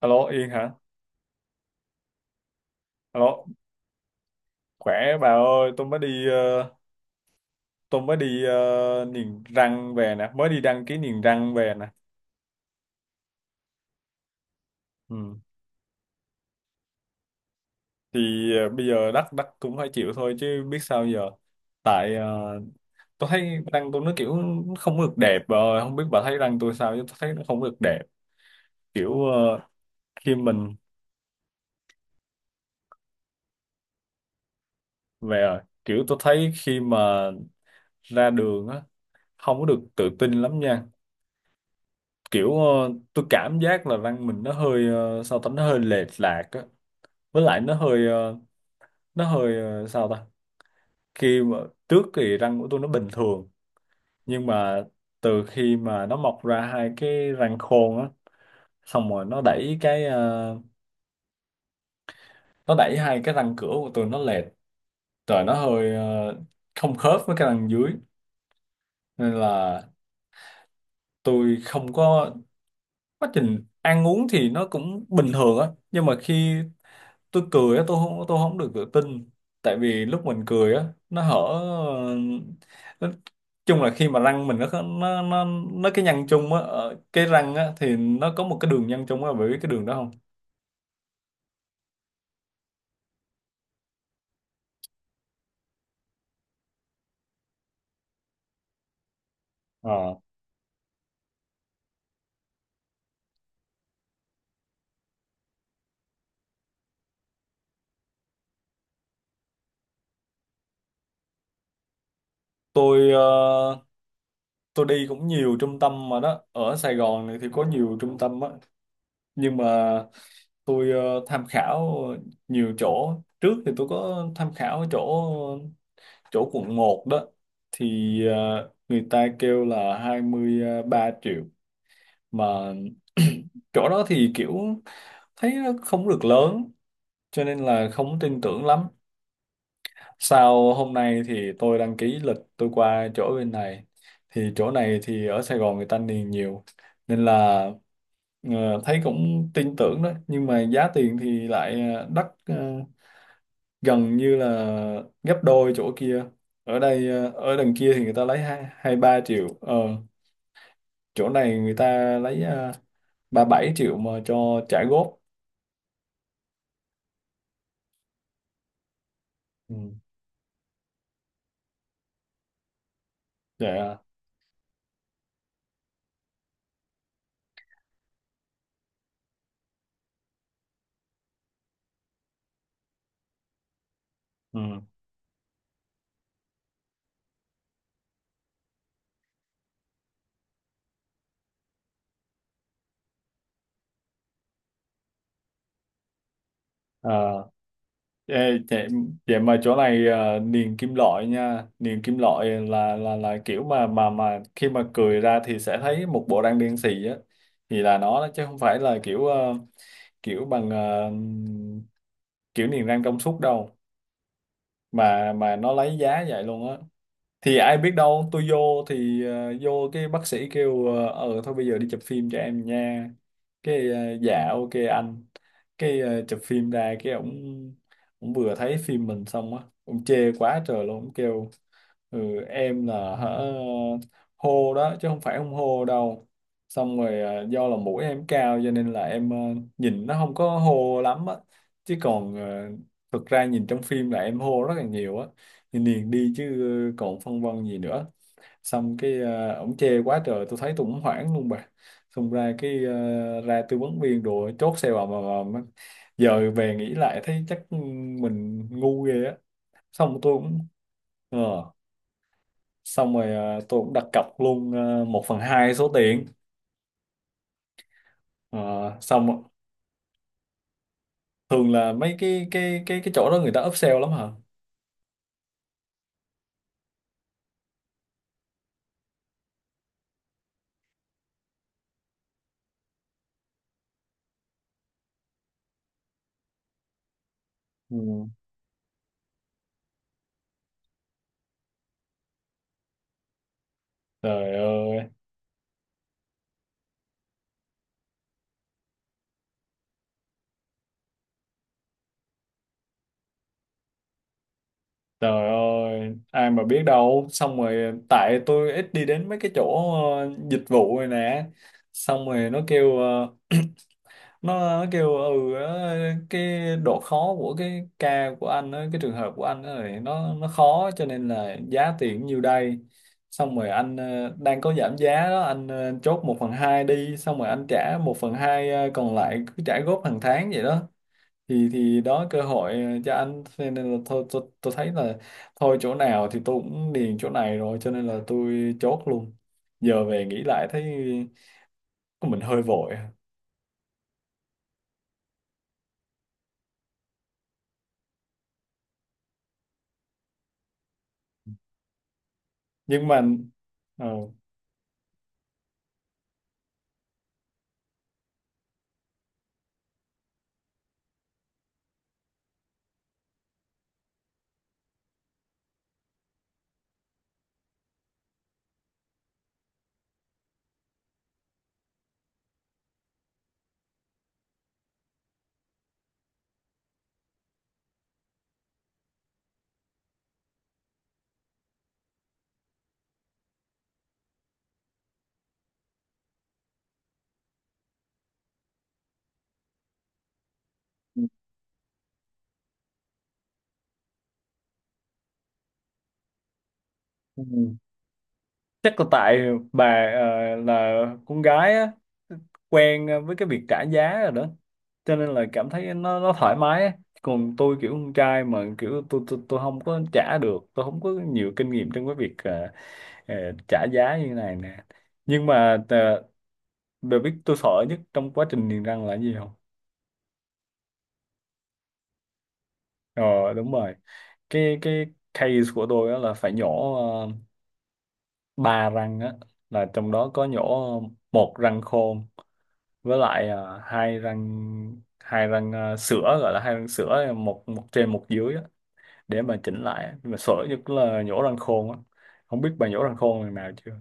Alo Yên hả? Alo, khỏe bà ơi, tôi mới đi niềng răng về nè, mới đi đăng ký niềng răng về nè. Ừ. Thì bây giờ đắt đắt cũng phải chịu thôi chứ biết sao giờ. Tại tôi thấy răng tôi nó kiểu không được đẹp bà ơi, không biết bà thấy răng tôi sao chứ tôi thấy nó không được đẹp. Kiểu khi mình về kiểu tôi thấy khi mà ra đường á không có được tự tin lắm nha. Kiểu tôi cảm giác là văn mình nó hơi sao ta nó hơi lệch lạc á, với lại nó hơi sao ta khi mà trước thì răng của tôi nó bình thường, nhưng mà từ khi mà nó mọc ra hai cái răng khôn á, xong rồi nó đẩy hai cái răng cửa của tôi nó lệch, rồi nó hơi không khớp với cái răng dưới, nên là tôi không có, quá trình ăn uống thì nó cũng bình thường á, nhưng mà khi tôi cười á tôi không được tự tin, tại vì lúc mình cười á nó hở, nó, chung là khi mà răng mình nó cái nhăn chung á ở cái răng á, thì nó có một cái đường nhăn chung á, bởi biết cái đường đó không? Ờ. tôi ờ, tôi đi cũng nhiều trung tâm mà đó, ở Sài Gòn này thì có nhiều trung tâm á, nhưng mà tôi tham khảo nhiều chỗ, trước thì tôi có tham khảo chỗ chỗ quận một đó, thì người ta kêu là hai mươi ba triệu mà chỗ đó thì kiểu thấy nó không được lớn, cho nên là không tin tưởng lắm. Sau hôm nay thì tôi đăng ký lịch tôi qua chỗ bên này, thì chỗ này thì ở Sài Gòn người ta niềng nhiều, nên là thấy cũng tin tưởng đó, nhưng mà giá tiền thì lại gần như là gấp đôi chỗ kia. Ở đằng kia thì người ta lấy hai hai ba triệu chỗ này người ta lấy 37 triệu mà cho trả góp. Ừ. Vậy à? Ừ. À, ê, vậy, vậy mà chỗ này niềng kim loại nha, niềng kim loại là kiểu mà khi mà cười ra thì sẽ thấy một bộ răng đen xì á, thì là nó đó, chứ không phải là kiểu kiểu bằng kiểu niềng răng trong suốt đâu, mà nó lấy giá vậy luôn á. Thì ai biết đâu, tôi vô cái bác sĩ kêu "Ờ, thôi bây giờ đi chụp phim cho em nha", cái ờ, dạ ok anh, chụp phim ra cái ổng ổng vừa thấy phim mình xong á ổng chê quá trời luôn, ổng kêu ừ, em là hả hô đó chứ không phải không hô đâu, xong rồi do là mũi em cao cho nên là em nhìn nó không có hô lắm á, chứ còn thực ra nhìn trong phim là em hô rất là nhiều á, thì liền đi chứ còn phân vân gì nữa. Xong ổng chê quá trời tôi thấy tôi cũng hoảng luôn bà. Xong ra ra tư vấn viên đồ chốt xe vào mà, mà, mà giờ về nghĩ lại thấy chắc mình ngu ghê á. xong tôi cũng ờ, Xong rồi tôi cũng đặt cọc luôn, một phần hai số tiền. Ờ, xong thường là mấy cái chỗ đó người ta upsell lắm hả? Ừ. Trời ơi. Trời ơi, ai mà biết đâu. Xong rồi tại tôi ít đi đến mấy cái chỗ dịch vụ rồi nè. Xong rồi nó kêu cái độ khó của cái ca của anh á, cái trường hợp của anh á thì nó khó cho nên là giá tiền nhiêu đây. Xong rồi anh đang có giảm giá đó, anh chốt một phần 2 đi, xong rồi anh trả một phần 2 còn lại cứ trả góp hàng tháng vậy đó, thì đó cơ hội cho anh. Thế nên là thôi tôi thấy là thôi chỗ nào thì tôi cũng điền chỗ này rồi cho nên là tôi chốt luôn. Giờ về nghĩ lại thấy mình hơi vội, nhưng mà ờ, chắc là tại bà là con gái á, quen với cái việc trả giá rồi đó, cho nên là cảm thấy nó thoải mái á. Còn tôi kiểu con trai mà kiểu tôi không có trả được, tôi không có nhiều kinh nghiệm trong cái việc ờ, trả giá như này nè. Nhưng mà bà biết tôi sợ nhất trong quá trình niềng răng là cái gì không? Ờ, đúng rồi. Cái case của tôi á là phải nhổ ba răng á, là trong đó có nhổ một răng khôn, với lại à, hai răng à, sữa, gọi là hai răng sữa, một một trên một dưới á, để mà chỉnh lại á. Nhưng mà sợ nhất là nhổ răng khôn á, không biết bà nhổ răng khôn lần nào chưa.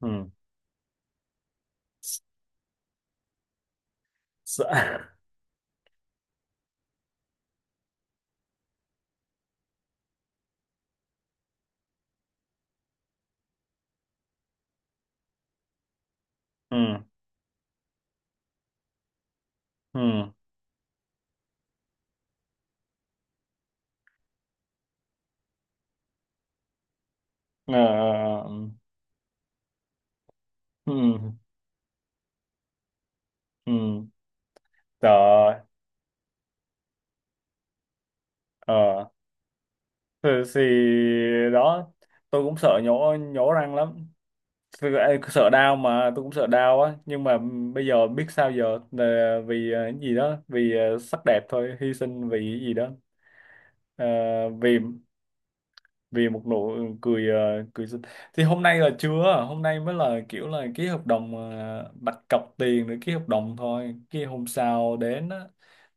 Ừ. Sợ. Ừ, ừ. Ờ, ờ, ờ. Ừ, ừ. Ừ. Trời. Ờ. Ừ, thì đó, tôi cũng sợ nhổ nhổ răng lắm. Thực ê, sợ đau mà tôi cũng sợ đau á, nhưng mà bây giờ biết sao giờ, là vì cái gì đó, vì sắc đẹp thôi, hy sinh vì cái gì đó. Ờ, vì vì một nụ cười cười xinh. Thì hôm nay là chưa, hôm nay mới là kiểu là ký hợp đồng đặt cọc tiền để ký hợp đồng thôi, cái hôm sau đến á,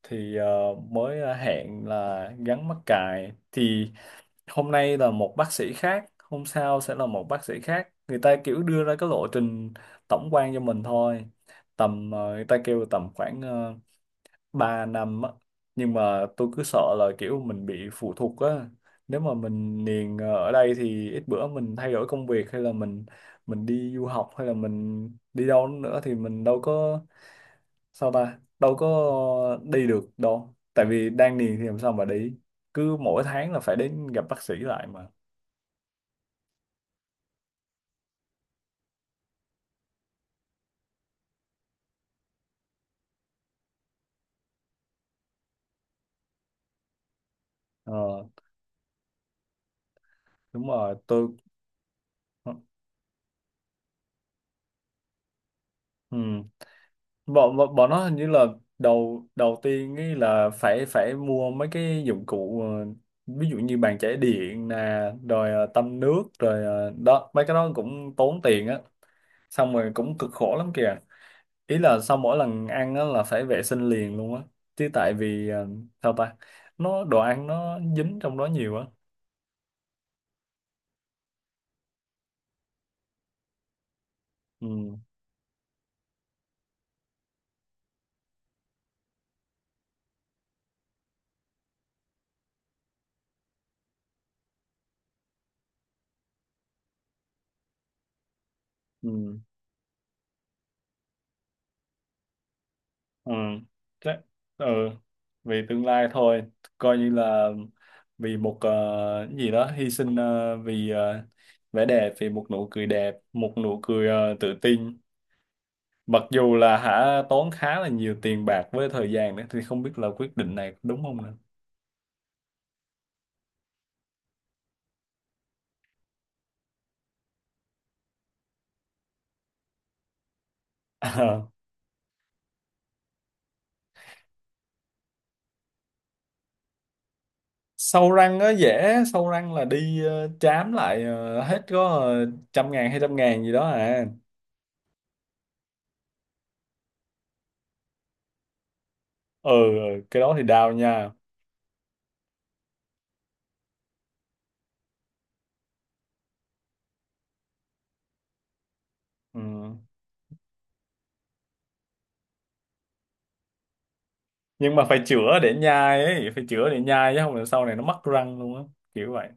thì hẹn là gắn mắc cài, thì hôm nay là một bác sĩ khác, hôm sau sẽ là một bác sĩ khác, người ta kiểu đưa ra cái lộ trình tổng quan cho mình thôi, tầm người ta kêu tầm khoảng 3 năm á. Nhưng mà tôi cứ sợ là kiểu mình bị phụ thuộc á, nếu mà mình niềng ở đây thì ít bữa mình thay đổi công việc hay là mình đi du học hay là mình đi đâu nữa thì mình đâu có, sao ta đâu có đi được đâu, tại vì đang niềng thì làm sao mà đi, cứ mỗi tháng là phải đến gặp bác sĩ lại mà. Ờ, đúng rồi. Tôi. Ừ. bọn bọn bọn nó hình như là đầu đầu tiên ấy là phải phải mua mấy cái dụng cụ ví dụ như bàn chải điện nè, rồi tăm nước, rồi đó mấy cái đó cũng tốn tiền á, xong rồi cũng cực khổ lắm kìa, ý là sau mỗi lần ăn á là phải vệ sinh liền luôn á, chứ tại vì sao ta nó đồ ăn nó dính trong đó nhiều á. Ừ, ừ. Ừ. Chắc. Ừ. Vì tương lai thôi, coi như là vì một cái gì đó, hy sinh vì vẻ đẹp, vì một nụ cười đẹp, một nụ cười tự tin. Mặc dù là hả, tốn khá là nhiều tiền bạc với thời gian nữa, thì không biết là quyết định này đúng không nữa. Ờ, sâu răng nó dễ, sâu răng là đi chám lại, hết có trăm ngàn hay trăm ngàn gì đó à. Ừ, ừ, cái đó thì đau nha. Ừ. Nhưng mà phải chữa để nhai ấy, phải chữa để nhai chứ không là sau này nó mất răng luôn á, kiểu vậy.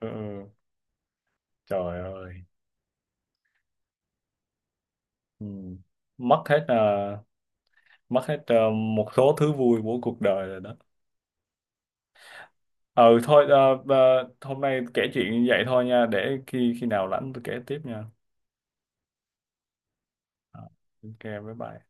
Ừ, ừ. Trời ơi. Ừ. mất hết ờ, Mất hết một số thứ vui của cuộc đời rồi đó. Ừ, thôi, hôm nay kể chuyện như vậy thôi nha, để khi khi nào rảnh tôi kể tiếp nha. Ờ, ok bye bye.